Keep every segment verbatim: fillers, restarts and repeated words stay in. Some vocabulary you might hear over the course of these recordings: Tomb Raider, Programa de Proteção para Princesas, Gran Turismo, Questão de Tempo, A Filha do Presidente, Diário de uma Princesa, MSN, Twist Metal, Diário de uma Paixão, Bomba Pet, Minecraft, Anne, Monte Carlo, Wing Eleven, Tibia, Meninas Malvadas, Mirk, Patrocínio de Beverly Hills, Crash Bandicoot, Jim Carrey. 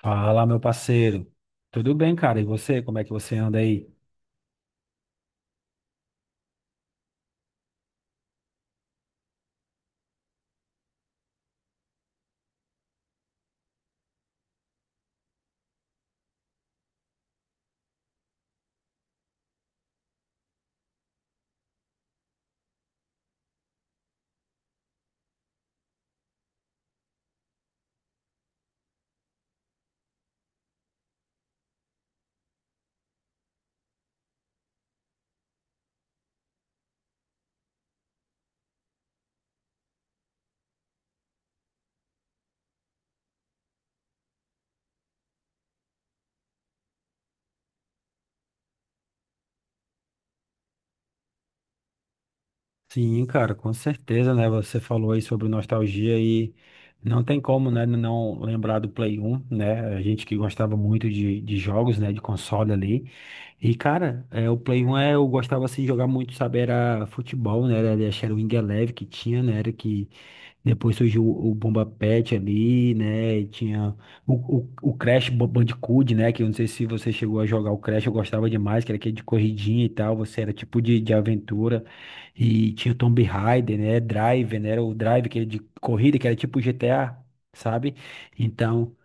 Fala, meu parceiro. Tudo bem, cara? E você, como é que você anda aí? Sim, cara, com certeza, né? Você falou aí sobre nostalgia e não tem como, né, não lembrar do Play um, né? A gente que gostava muito de, de jogos, né, de console ali. E, cara, é, o Play um é, eu gostava assim de jogar muito, sabe? Era futebol, né? Era, acho que era Wing Eleven que tinha, né? Era que depois surgiu o, o Bomba Pet ali, né? E tinha o, o, o Crash Ba- Bandicoot, né? Que eu não sei se você chegou a jogar o Crash, eu gostava demais, que era aquele de corridinha e tal. Você era tipo de, de aventura. E tinha o Tomb Raider, né? Drive, né? Era o Drive, que era de corrida, que era tipo G T A, sabe? Então,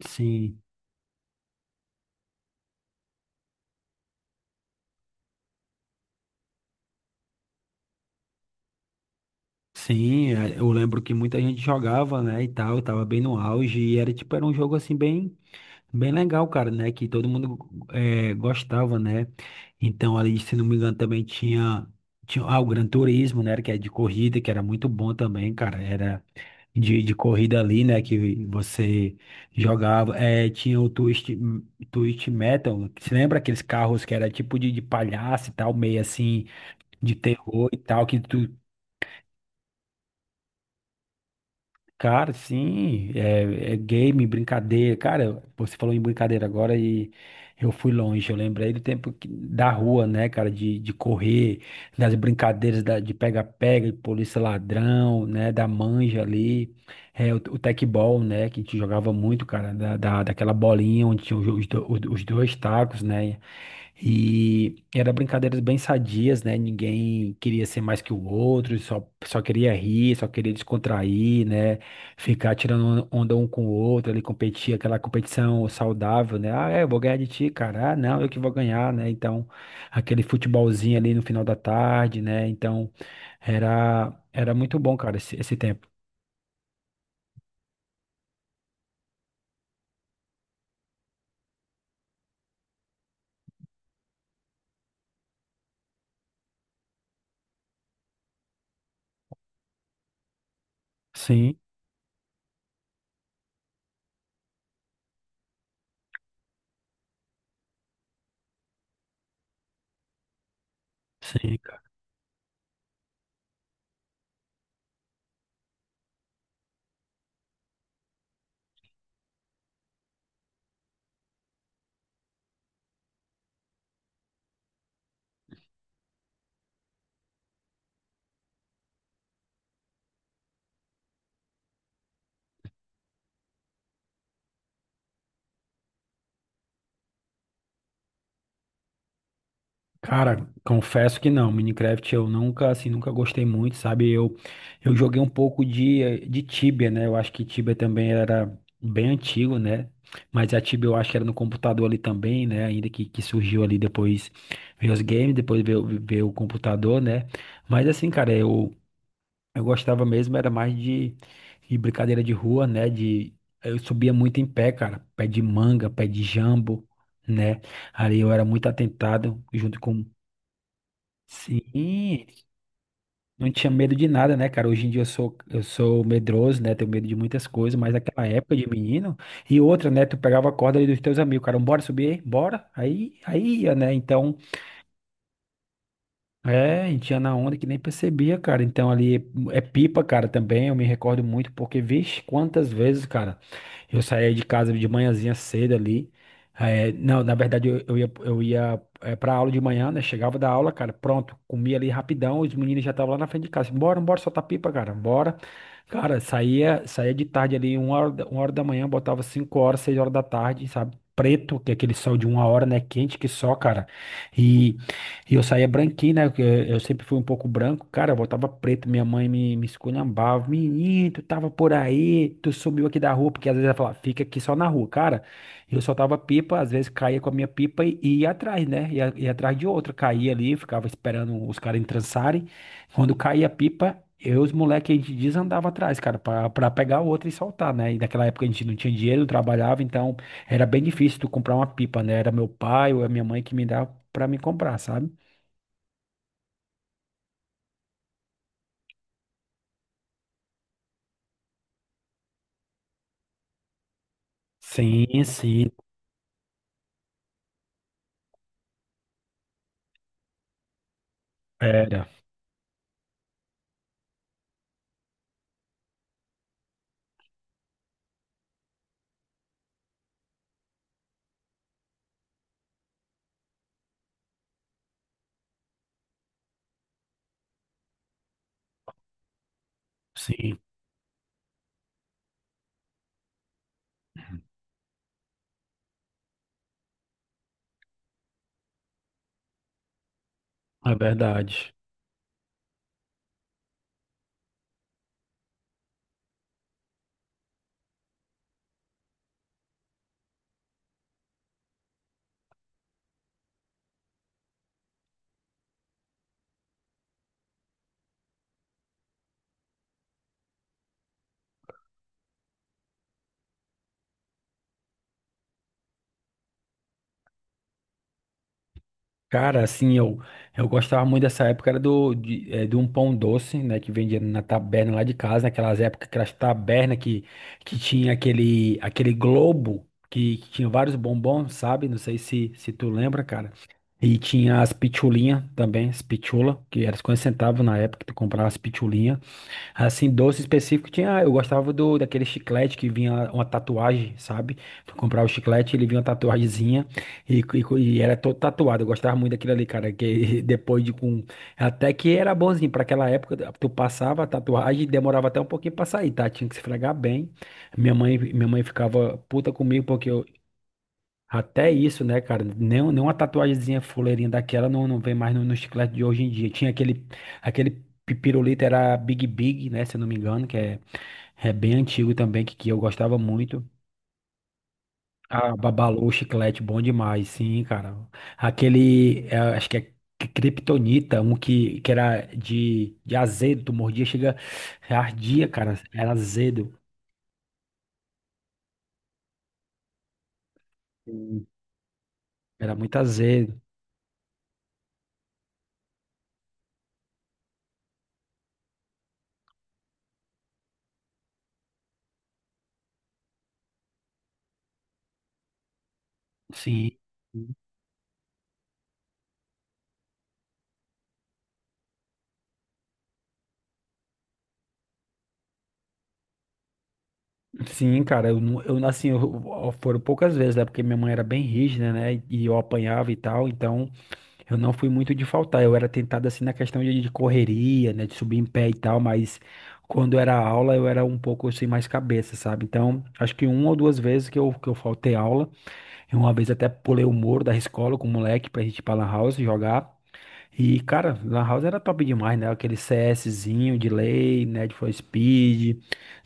sim. Sim, é, eu lembro que muita gente jogava, né, e tal, tava bem no auge, e era tipo, era um jogo assim bem bem legal, cara, né? Que todo mundo, eh, gostava, né? Então, ali, se não me engano, também tinha, tinha ah, o Gran Turismo, né? Que é de corrida, que era muito bom também, cara. Era de, de corrida ali, né? Que você jogava. Eh, tinha o Twist, Twist Metal. Você lembra aqueles carros que era tipo de, de palhaço e tal, meio assim, de terror e tal, que tu... Cara, sim, é, é game, brincadeira. Cara, você falou em brincadeira agora e eu fui longe. Eu lembrei do tempo que- da rua, né, cara, de, de correr, das brincadeiras da- de pega-pega, de polícia ladrão, né, da manja ali. É, o, o tecbol, né, que a gente jogava muito, cara, da, da, daquela bolinha onde tinha os, os do- os dois tacos, né. E era brincadeiras bem sadias, né? Ninguém queria ser mais que o outro, só, só queria rir, só queria descontrair, né? Ficar tirando onda um com o outro, ali competir, aquela competição saudável, né? Ah, é, eu vou ganhar de ti, cara. Ah, não, eu que vou ganhar, né? Então, aquele futebolzinho ali no final da tarde, né? Então, era, era muito bom, cara, esse, esse tempo. Sim, sim. Cara, confesso que não, Minecraft eu nunca, assim, nunca gostei muito, sabe? Eu, eu joguei um pouco de, eh, de Tibia, né? Eu acho que Tibia também era bem antigo, né? Mas a Tibia eu acho que era no computador ali também, né? Ainda que, que surgiu ali depois, veio os games, depois veio, veio o computador, né? Mas assim, cara, eu, eu gostava mesmo, era mais de, de brincadeira de rua, né? De, eu subia muito em pé, cara, pé de manga, pé de jambo, né? Ali eu era muito atentado, junto com... Sim, não tinha medo de nada, né, cara? Hoje em dia eu sou, eu sou medroso, né? Tenho medo de muitas coisas, mas naquela época de menino. E outra, né? Tu pegava a corda ali dos teus amigos, cara, bora subir, aí? Bora. Aí, aí ia, né? Então, é, a gente ia na onda que nem percebia, cara. Então ali é pipa, cara, também. Eu me recordo muito, porque, vixe, quantas vezes, cara. Eu saía de casa de manhãzinha cedo ali. É, não, na verdade eu, eu ia, eu ia é, pra aula de manhã, né? Chegava da aula, cara, pronto, comia ali rapidão, os meninos já estavam lá na frente de casa. Bora, bora, soltar pipa, cara, bora. Cara, saía, saía de tarde ali, uma hora, da- uma hora da manhã, botava cinco horas, seis horas da tarde, sabe? Preto, que é aquele sol de uma hora, né? Quente que só, cara. E, e eu saía branquinho, né? que Eu eu sempre fui um pouco branco. Cara, eu voltava preto. Minha mãe me, me esculhambava. Menino, tu tava por aí. Tu subiu aqui da rua. Porque às vezes ela falava, fica aqui só na rua. Cara, eu soltava pipa. Às vezes caía com a minha pipa e, e ia atrás, né? Ia, ia atrás de outra. Caía ali, ficava esperando os caras entrançarem. Quando caía a pipa, eu e os moleques, a gente desandava atrás, cara, pra, pra pegar outra e soltar, né? E naquela época a gente não tinha dinheiro, não trabalhava. Então era bem difícil tu comprar uma pipa, né? Era meu pai ou a minha mãe que me dava pra me comprar, sabe? Sim, sim, era. Sim, é verdade. Cara, assim, eu, eu gostava muito dessa época, era do, de, eh, de um pão doce, né, que vendia na taberna lá de casa, naquelas épocas, aquelas tabernas que, que tinha aquele, aquele globo, que, que tinha vários bombons, sabe? Não sei se, se tu lembra, cara. E tinha as pitulinhas também, as pitula, que era cinquenta centavos na época que tu comprava as pitulinhas. Assim, doce específico tinha. Eu gostava do daquele chiclete que vinha uma tatuagem, sabe? Tu comprava o chiclete, ele vinha uma tatuagemzinha e, e, e era todo tatuado. Eu gostava muito daquilo ali, cara. Que depois de com. Até que era bonzinho. Pra aquela época, tu passava a tatuagem e demorava até um pouquinho pra sair, tá? Tinha que se esfregar bem. Minha mãe, minha mãe ficava puta comigo porque eu, até isso, né, cara? Nem, nem uma tatuagemzinha fuleirinha daquela não, não vem mais no, no chiclete de hoje em dia. Tinha aquele, aquele pi- pirulito, era Big Big, né? Se eu não me engano, que é, é bem antigo também, que, que eu gostava muito. Ah, Babalu, chiclete, bom demais, sim, cara. Aquele, é, acho que é cri- Kryptonita, um que, que era de, de azedo, tu mordia, chega, ardia, cara, era azedo. Sim. Era muito azedo, sim. Sim, cara, eu, não- eu assim, eu, eu- foram poucas vezes, né? Porque minha mãe era bem rígida, né? E eu apanhava e tal, então eu não fui muito de faltar. Eu era tentado assim na questão de, de correria, né? De subir em pé e tal, mas quando era aula eu era um pouco assim mais cabeça, sabe? Então, acho que uma ou duas vezes que eu, que eu faltei aula. E uma vez até pulei o muro da escola com o moleque pra gente ir pra Lan House jogar. E, cara, Lan House era top demais, né? Aquele CSzinho de lei, né? De for Speed.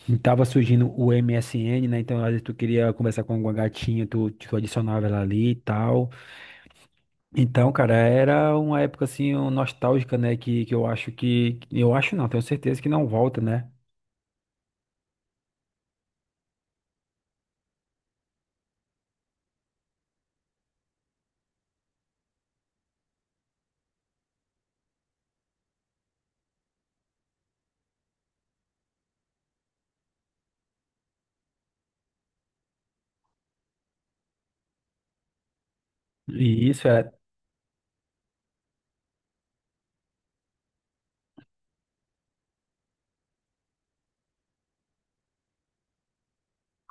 E tava surgindo o M S N, né? Então, às vezes tu queria conversar com alguma gatinha, tu, tu adicionava ela ali e tal. Então, cara, era uma época assim um, nostálgica, né? Que, que eu acho que. Eu acho não, tenho certeza que não volta, né? E isso era,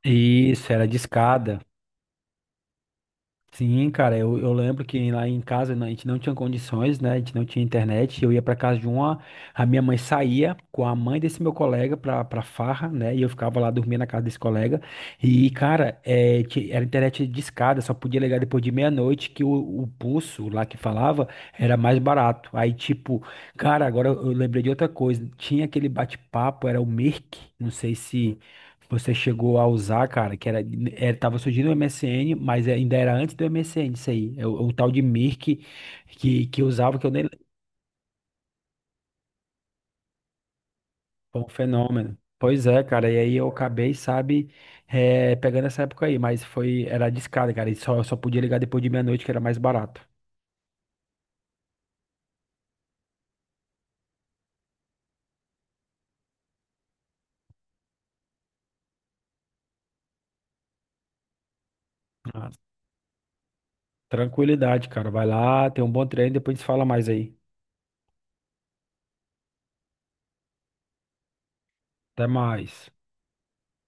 isso era discada. Sim, cara, eu, eu lembro que lá em casa né, a gente não tinha condições, né? A gente não tinha internet. Eu ia pra casa de uma, a minha mãe saía com a mãe desse meu colega pra, pra farra, né? E eu ficava lá dormindo na casa desse colega. E, cara, é, ti- era internet discada, só podia ligar depois de meia-noite, que o, o pulso lá que falava era mais barato. Aí, tipo, cara, agora eu eu lembrei de outra coisa. Tinha aquele bate-papo, era o Mirk, não sei se. Você chegou a usar, cara, que era, era tava surgindo o M S N, mas é, ainda era antes do M S N, isso aí. É o, o tal de Mirk que, que usava, que eu nem... Foi um fenômeno. Pois é, cara, e aí eu acabei, sabe, eh, pegando essa época aí, mas foi, era discada, cara, e só, eu só podia ligar depois de meia-noite, que era mais barato. Ah, tranquilidade, cara, vai lá, tem um bom treino, depois a gente fala mais aí. Até mais.